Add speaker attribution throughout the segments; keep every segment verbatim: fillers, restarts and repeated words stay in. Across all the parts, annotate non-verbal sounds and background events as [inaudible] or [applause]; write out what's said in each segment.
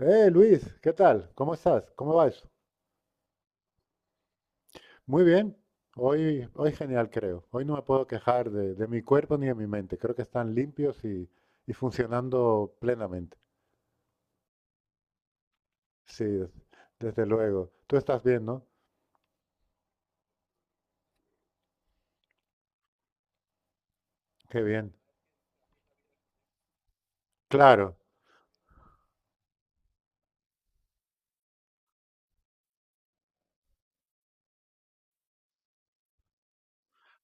Speaker 1: Eh, Luis, ¿qué tal? ¿Cómo estás? ¿Cómo va eso? Muy bien. Hoy, hoy genial, creo. Hoy no me puedo quejar de, de mi cuerpo ni de mi mente. Creo que están limpios y, y funcionando plenamente. Sí, des- desde luego. Tú estás bien, ¿no? Qué bien. Claro,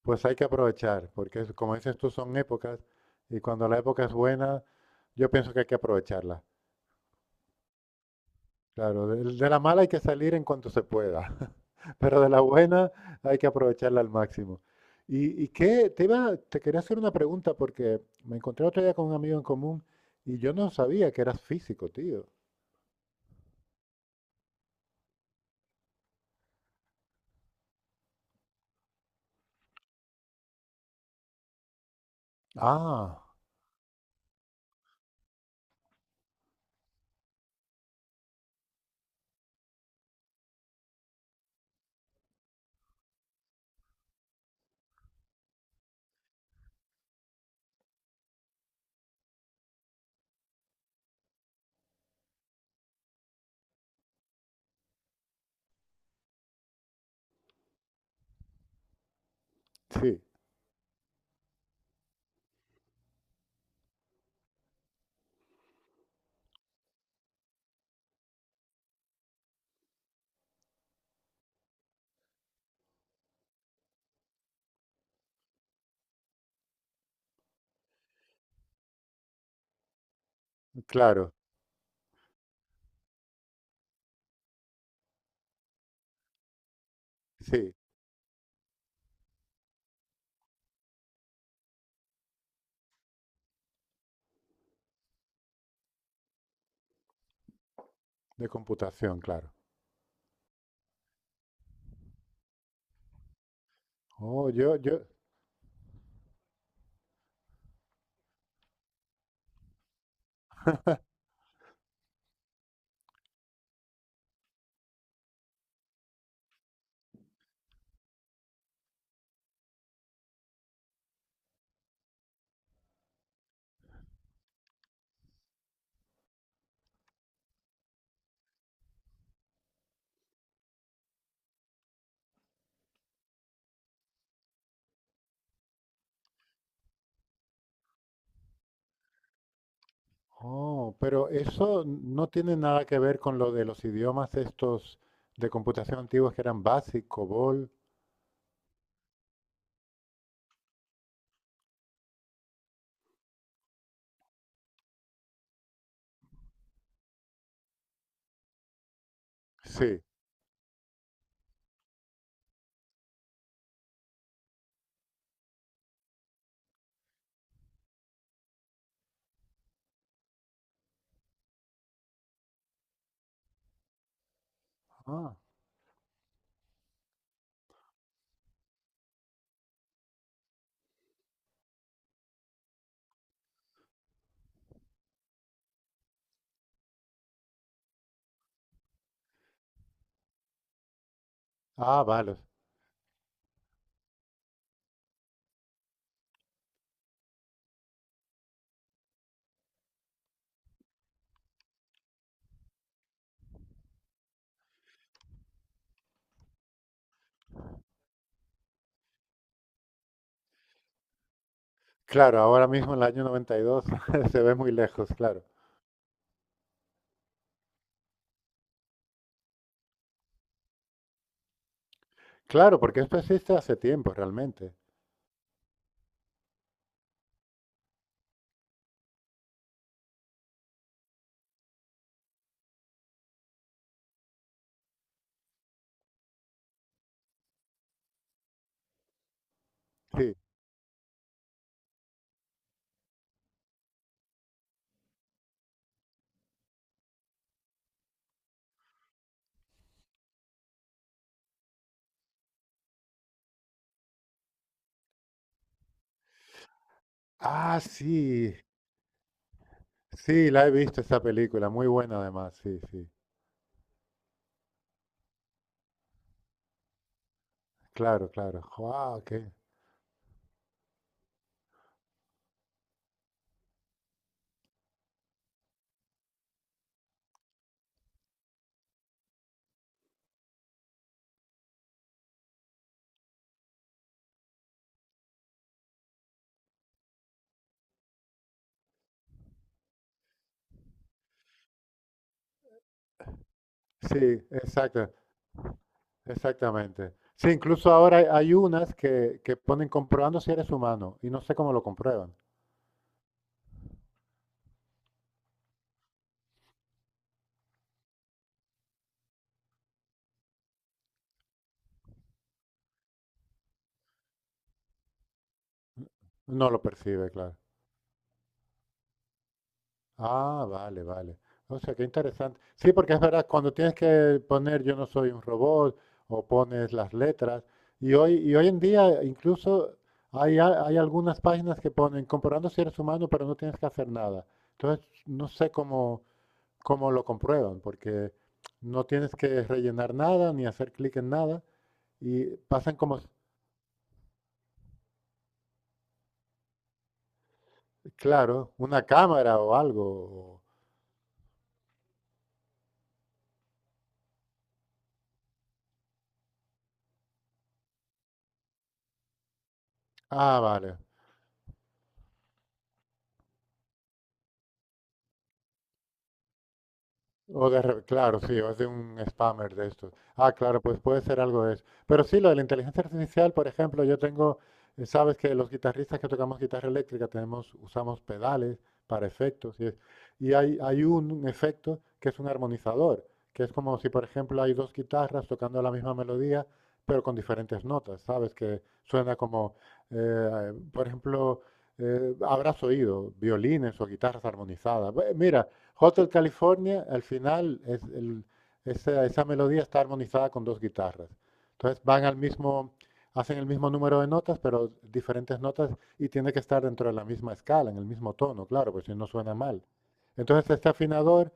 Speaker 1: pues hay que aprovechar, porque es- como dices tú, son épocas y cuando la época es buena, yo pienso que hay que aprovecharla. Claro, de, de la mala hay que salir en cuanto se pueda, [laughs] pero de la buena hay que aprovecharla al máximo. Y, y qué, te iba, te quería hacer una pregunta porque me encontré otro día con un amigo en común y yo no sabía que eras físico, tío. Ah, sí, claro, sí, de computación, claro. Oh, yo, yo, oh, pero eso no tiene nada que ver con lo de los idiomas estos de computación antiguos que eran BASIC, COBOL. Sí. Ah, ah, vale. Claro, ahora mismo en el año noventa y dos [laughs] se ve muy lejos, claro. Claro, porque esto existe hace tiempo realmente. Sí. Ah, sí. Sí, la he visto esa película, muy buena además, sí, sí. Claro, claro. Wow, qué. Sí, exacto, exactamente. Sí, incluso ahora hay, hay unas que, que ponen comprobando si eres humano y no sé cómo lo comprueban. No lo percibe, claro. Ah, vale, vale. O sea, qué interesante. Sí, porque es verdad, cuando tienes que poner yo no soy un robot o pones las letras, y hoy, y hoy en día incluso hay, a- hay algunas páginas que ponen comprobando si eres humano, pero no tienes que hacer nada. Entonces, no sé cómo, cómo lo comprueban, porque no tienes que rellenar nada ni hacer clic en nada, y pasan como, claro, una cámara o algo. o- Ah, vale. O de re- claro, sí, o es de un spammer de estos. Ah, claro, pues puede ser algo de eso. Pero sí, lo de la inteligencia artificial, por ejemplo, yo tengo, eh, sabes que los guitarristas que tocamos guitarra eléctrica tenemos, usamos pedales para efectos y, es- y hay, hay un efecto que es un armonizador, que es como si, por ejemplo, hay dos guitarras tocando la misma melodía, pero con diferentes notas, ¿sabes? Que suena como, eh, por ejemplo, eh, habrás oído violines o guitarras armonizadas. Bue- Mira. Hotel California, al final, es el- esa, esa melodía está armonizada con dos guitarras. Entonces van al mismo, hacen el mismo número de notas, pero diferentes notas y tiene que estar dentro de la misma escala, en el mismo tono, claro, pues si no suena mal. Entonces este afinador,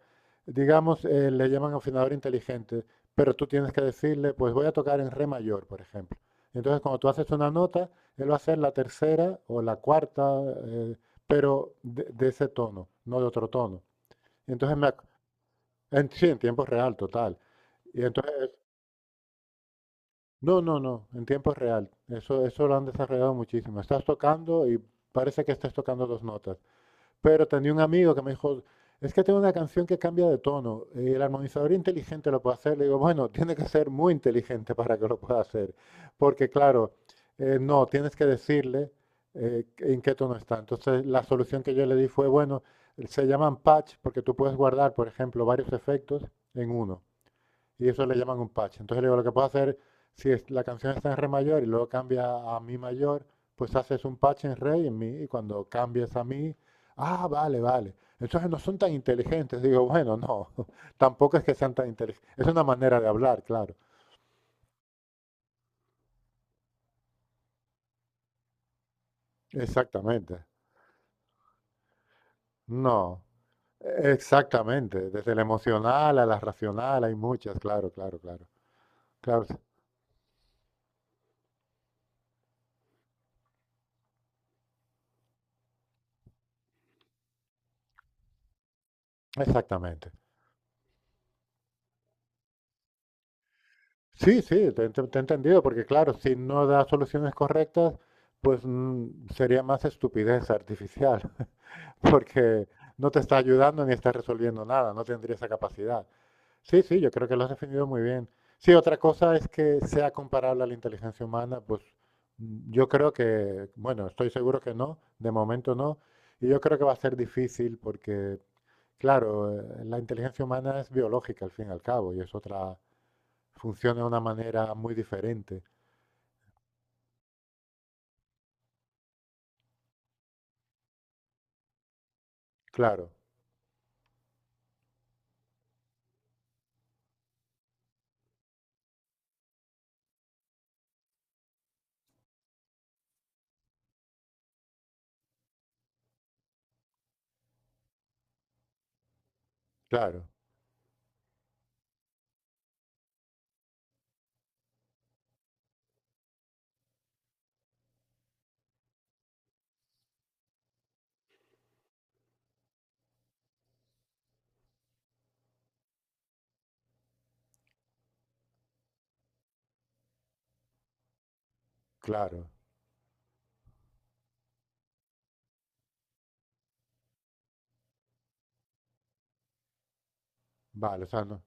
Speaker 1: digamos, eh, le llaman afinador inteligente, pero tú tienes que decirle, pues voy a tocar en re mayor, por ejemplo. Entonces cuando tú haces una nota, él va a hacer la tercera o la cuarta, eh, pero de, de ese tono, no de otro tono. Y entonces me, ac- en, sí, en tiempo real, total. Y entonces, no, no, no, en tiempo real. Eso, eso lo han desarrollado muchísimo. Estás tocando y parece que estás tocando dos notas. Pero tenía un amigo que me dijo, es que tengo una canción que cambia de tono. eh, El armonizador inteligente lo puede hacer. Le digo, bueno, [laughs] tiene que ser muy inteligente para que lo pueda hacer. Porque claro, eh, no, tienes que decirle eh, en qué tono está. Entonces, la solución que yo le di fue, bueno, se llaman patch porque tú puedes guardar, por ejemplo, varios efectos en uno. Y eso le llaman un patch. Entonces le digo, lo que puedo hacer, si es- la canción está en re mayor y luego cambia a mi mayor, pues haces un patch en re y en mi, y cuando cambies a mi, ah, vale, vale. Entonces no son tan inteligentes. Digo, bueno, no, [laughs] tampoco es que sean tan inteligentes. Es una manera de hablar, claro. Exactamente. No, exactamente. Desde la emocional a la racional hay muchas, claro, claro, claro. Claro, exactamente. Sí, sí, te, te- te he entendido, porque claro, si no da soluciones correctas, pues mm, sería más estupidez artificial, [laughs] porque no te está ayudando ni está resolviendo nada, no tendría esa capacidad. Sí, sí, yo creo que lo has definido muy bien. Sí, otra cosa es que sea comparable a la inteligencia humana, pues mm, yo creo que, bueno, estoy seguro que no, de momento no, y yo creo que va a ser difícil porque, claro, eh, la inteligencia humana es biológica al fin y al cabo, y es otra. Funciona de una manera muy diferente. Claro, claro, claro. Vale, o sea, no.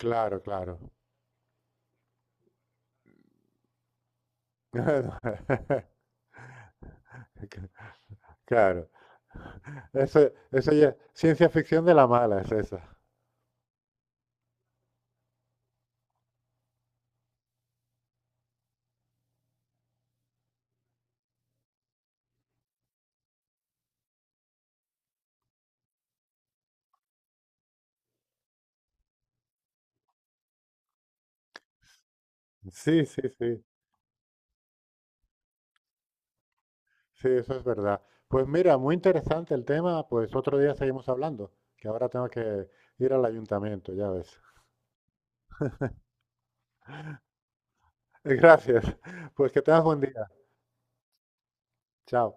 Speaker 1: Claro, claro. [laughs] Claro. Eso, eso ya es ciencia ficción de la mala, es esa. Sí, sí, sí. Sí, eso es verdad. Pues mira, muy interesante el tema. Pues otro día seguimos hablando, que ahora tengo que ir al ayuntamiento, ya ves. [laughs] Gracias. Pues que tengas buen día. Chao.